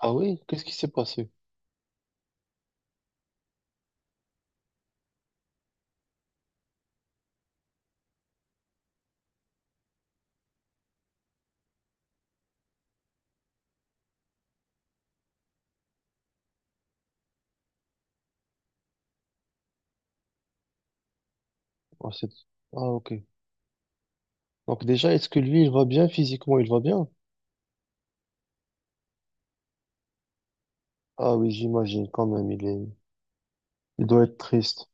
Ah oui? Qu'est-ce qui s'est passé? Ah, c'est- ok. Donc déjà, est-ce que lui, il va bien physiquement? Il va bien? Ah oui, j'imagine quand même, il est... il doit être triste.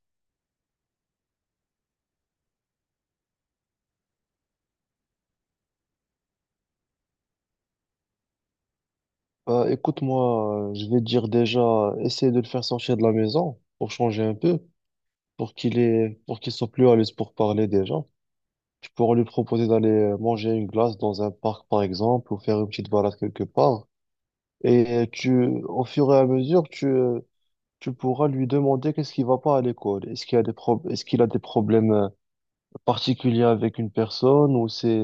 Bah, écoute-moi, je vais te dire déjà, essaye de le faire sortir de la maison pour changer un peu, pour qu'il ait... pour qu'il soit plus à l'aise pour parler déjà. Tu pourras lui proposer d'aller manger une glace dans un parc, par exemple, ou faire une petite balade quelque part. Et au fur et à mesure, tu pourras lui demander qu'est-ce qui va pas à l'école. Est-ce qu'il a des problèmes particulier avec une personne ou c'est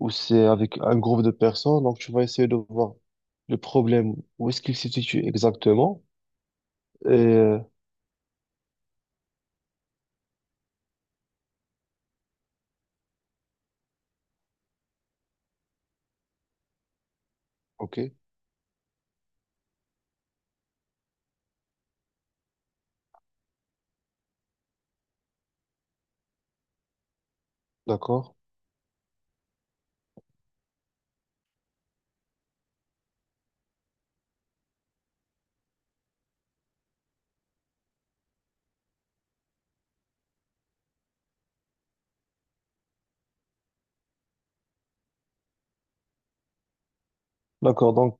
ou c'est avec un groupe de personnes. Donc, tu vas essayer de voir le problème, où est-ce qu'il se situe exactement. Et, euh, ok, d'accord. D'accord,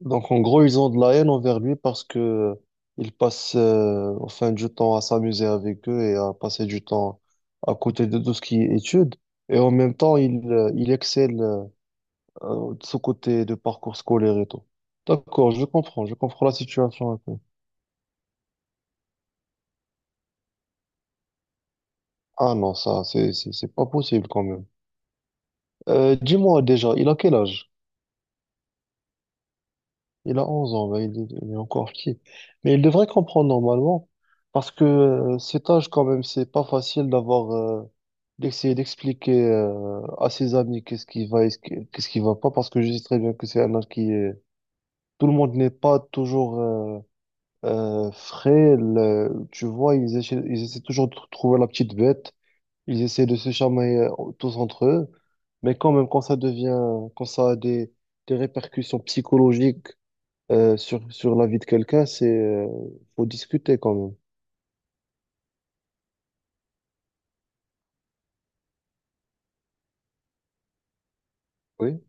donc en gros, ils ont de la haine envers lui parce que il passe enfin du temps à s'amuser avec eux et à passer du temps à côté de tout ce qui est études. Et en même temps, il excelle de ce côté de parcours scolaire et tout. D'accord, je comprends la situation. Un peu. Ah non, ça, c'est pas possible quand même. Dis-moi déjà, il a quel âge? Il a 11 ans, ben, il est encore petit. Mais il devrait comprendre normalement, parce que cet âge quand même, c'est pas facile d'avoir, d'essayer d'expliquer à ses amis qu'est-ce qui va et qu'est-ce qui va pas, parce que je sais très bien que c'est un âge qui est... Tout le monde n'est pas toujours frais, tu vois, ils essaient toujours de trouver la petite bête. Ils essaient de se chamailler tous entre eux, mais quand même, quand ça a des répercussions psychologiques sur, sur la vie de quelqu'un, faut discuter quand même. Oui.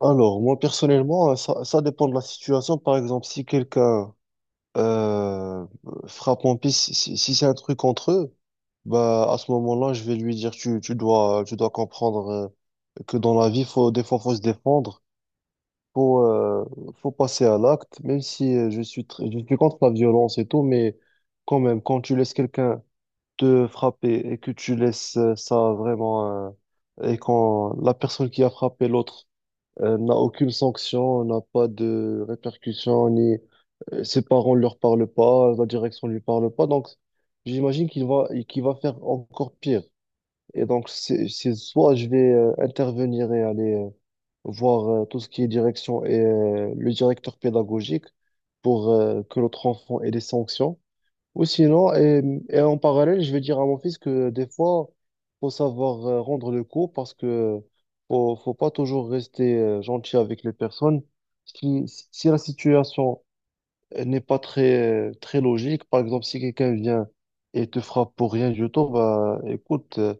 Alors, moi, personnellement, ça, ça dépend de la situation. Par exemple, si quelqu'un euh, frappe mon piste, si c'est un truc entre eux, bah, à ce moment-là, je vais lui dire, tu dois comprendre que dans la vie, faut, des fois, faut se défendre. faut, euh, faut passer à l'acte, même si je suis, je suis contre la violence et tout, mais quand même, quand tu laisses quelqu'un te frapper et que tu laisses ça vraiment, et quand la personne qui a frappé l'autre n'a aucune sanction, n'a pas de répercussions, ni ses parents ne leur parlent pas, la direction ne lui parle pas, donc j'imagine qu'il va faire encore pire. Et donc, c'est soit je vais intervenir et aller. Voir tout ce qui est direction et le directeur pédagogique pour que notre enfant ait des sanctions. Ou sinon, et en parallèle, je vais dire à mon fils que des fois, faut savoir rendre le cours parce que faut pas toujours rester gentil avec les personnes. Si, si la situation n'est pas très, très logique, par exemple, si quelqu'un vient et te frappe pour rien du tout, bah, écoute,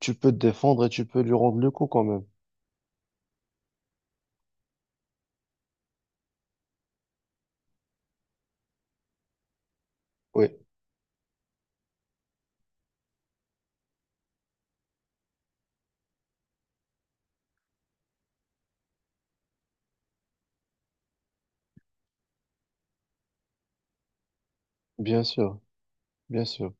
tu peux te défendre et tu peux lui rendre le coup quand même. Oui, bien sûr, bien sûr.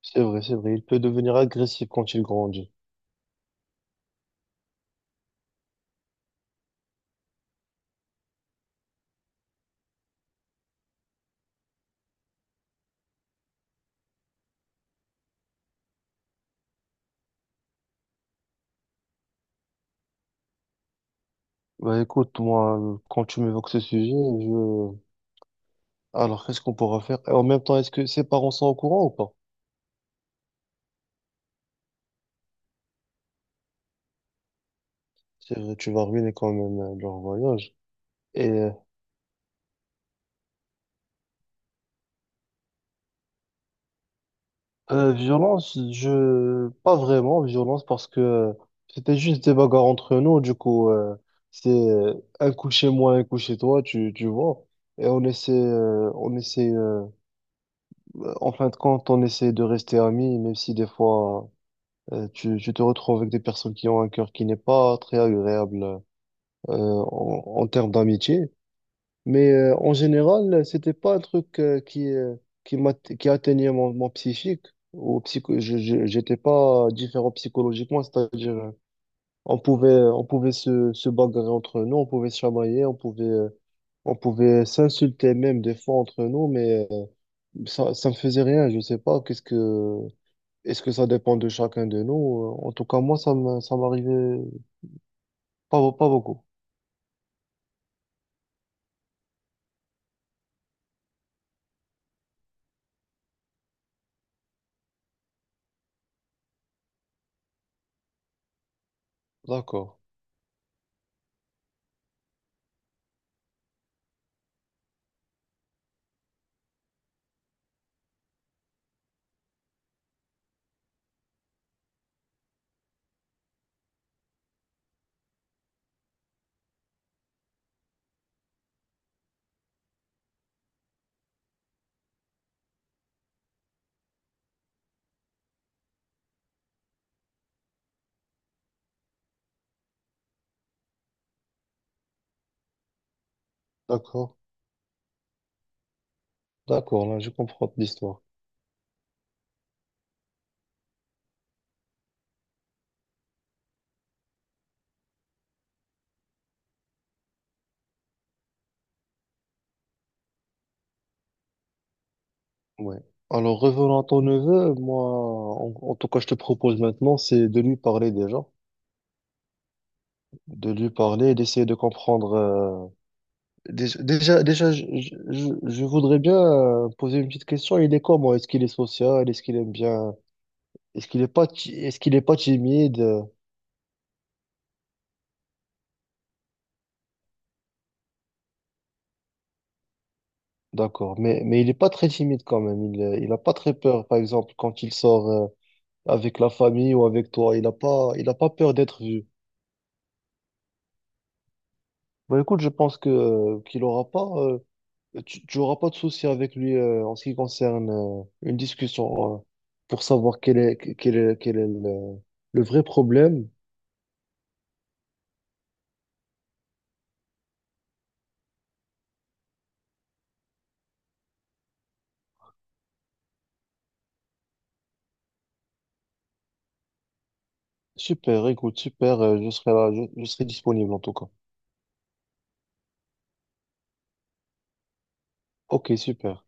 C'est vrai, c'est vrai. Il peut devenir agressif quand il grandit. Bah écoute, moi, quand tu m'évoques ce sujet, je... Alors, qu'est-ce qu'on pourra faire? Et en même temps, est-ce que ses parents sont au courant ou pas? C'est vrai, tu vas ruiner quand même leur voyage. Et euh, Violence, je... Pas vraiment violence parce que c'était juste des bagarres entre nous. Du coup, c'est un coup chez moi, un coup chez toi, tu vois. Et on essaie, en fin de compte, on essaie de rester amis, même si des fois... Tu, tu te retrouves avec des personnes qui ont un cœur qui n'est pas très agréable en, en termes d'amitié. Mais en général, c'était pas un truc qui m'a, qui atteignait mon, mon psychique. Ou psycho, j'étais pas différent psychologiquement, c'est-à-dire on pouvait se bagarrer entre nous, on pouvait se chamailler, on pouvait s'insulter même des fois entre nous, mais ça me faisait rien. Je sais pas, qu'est-ce que est-ce que ça dépend de chacun de nous? En tout cas, moi, ça m'arrivait pas, pas beaucoup. D'accord, d'accord, d'accord, là, je comprends l'histoire. Ouais. Alors, revenons à ton neveu, moi, en, en tout cas, je te propose maintenant, c'est de lui parler déjà, de lui parler et d'essayer de comprendre. Déjà, déjà, je voudrais bien poser une petite question. Il est comment? Est-ce qu'il est social? Est-ce qu'il aime bien? Est-ce qu'il est pas timide? D'accord, mais il n'est pas très timide quand même. Il n'a pas très peur, par exemple, quand il sort avec la famille ou avec toi. Il a pas peur d'être vu. Bah, écoute, je pense que qu'il aura pas, tu tu auras pas de souci avec lui en ce qui concerne une discussion pour savoir quel est le vrai problème. Super, écoute, super. Je serai là, je serai disponible en tout cas. Ok, super.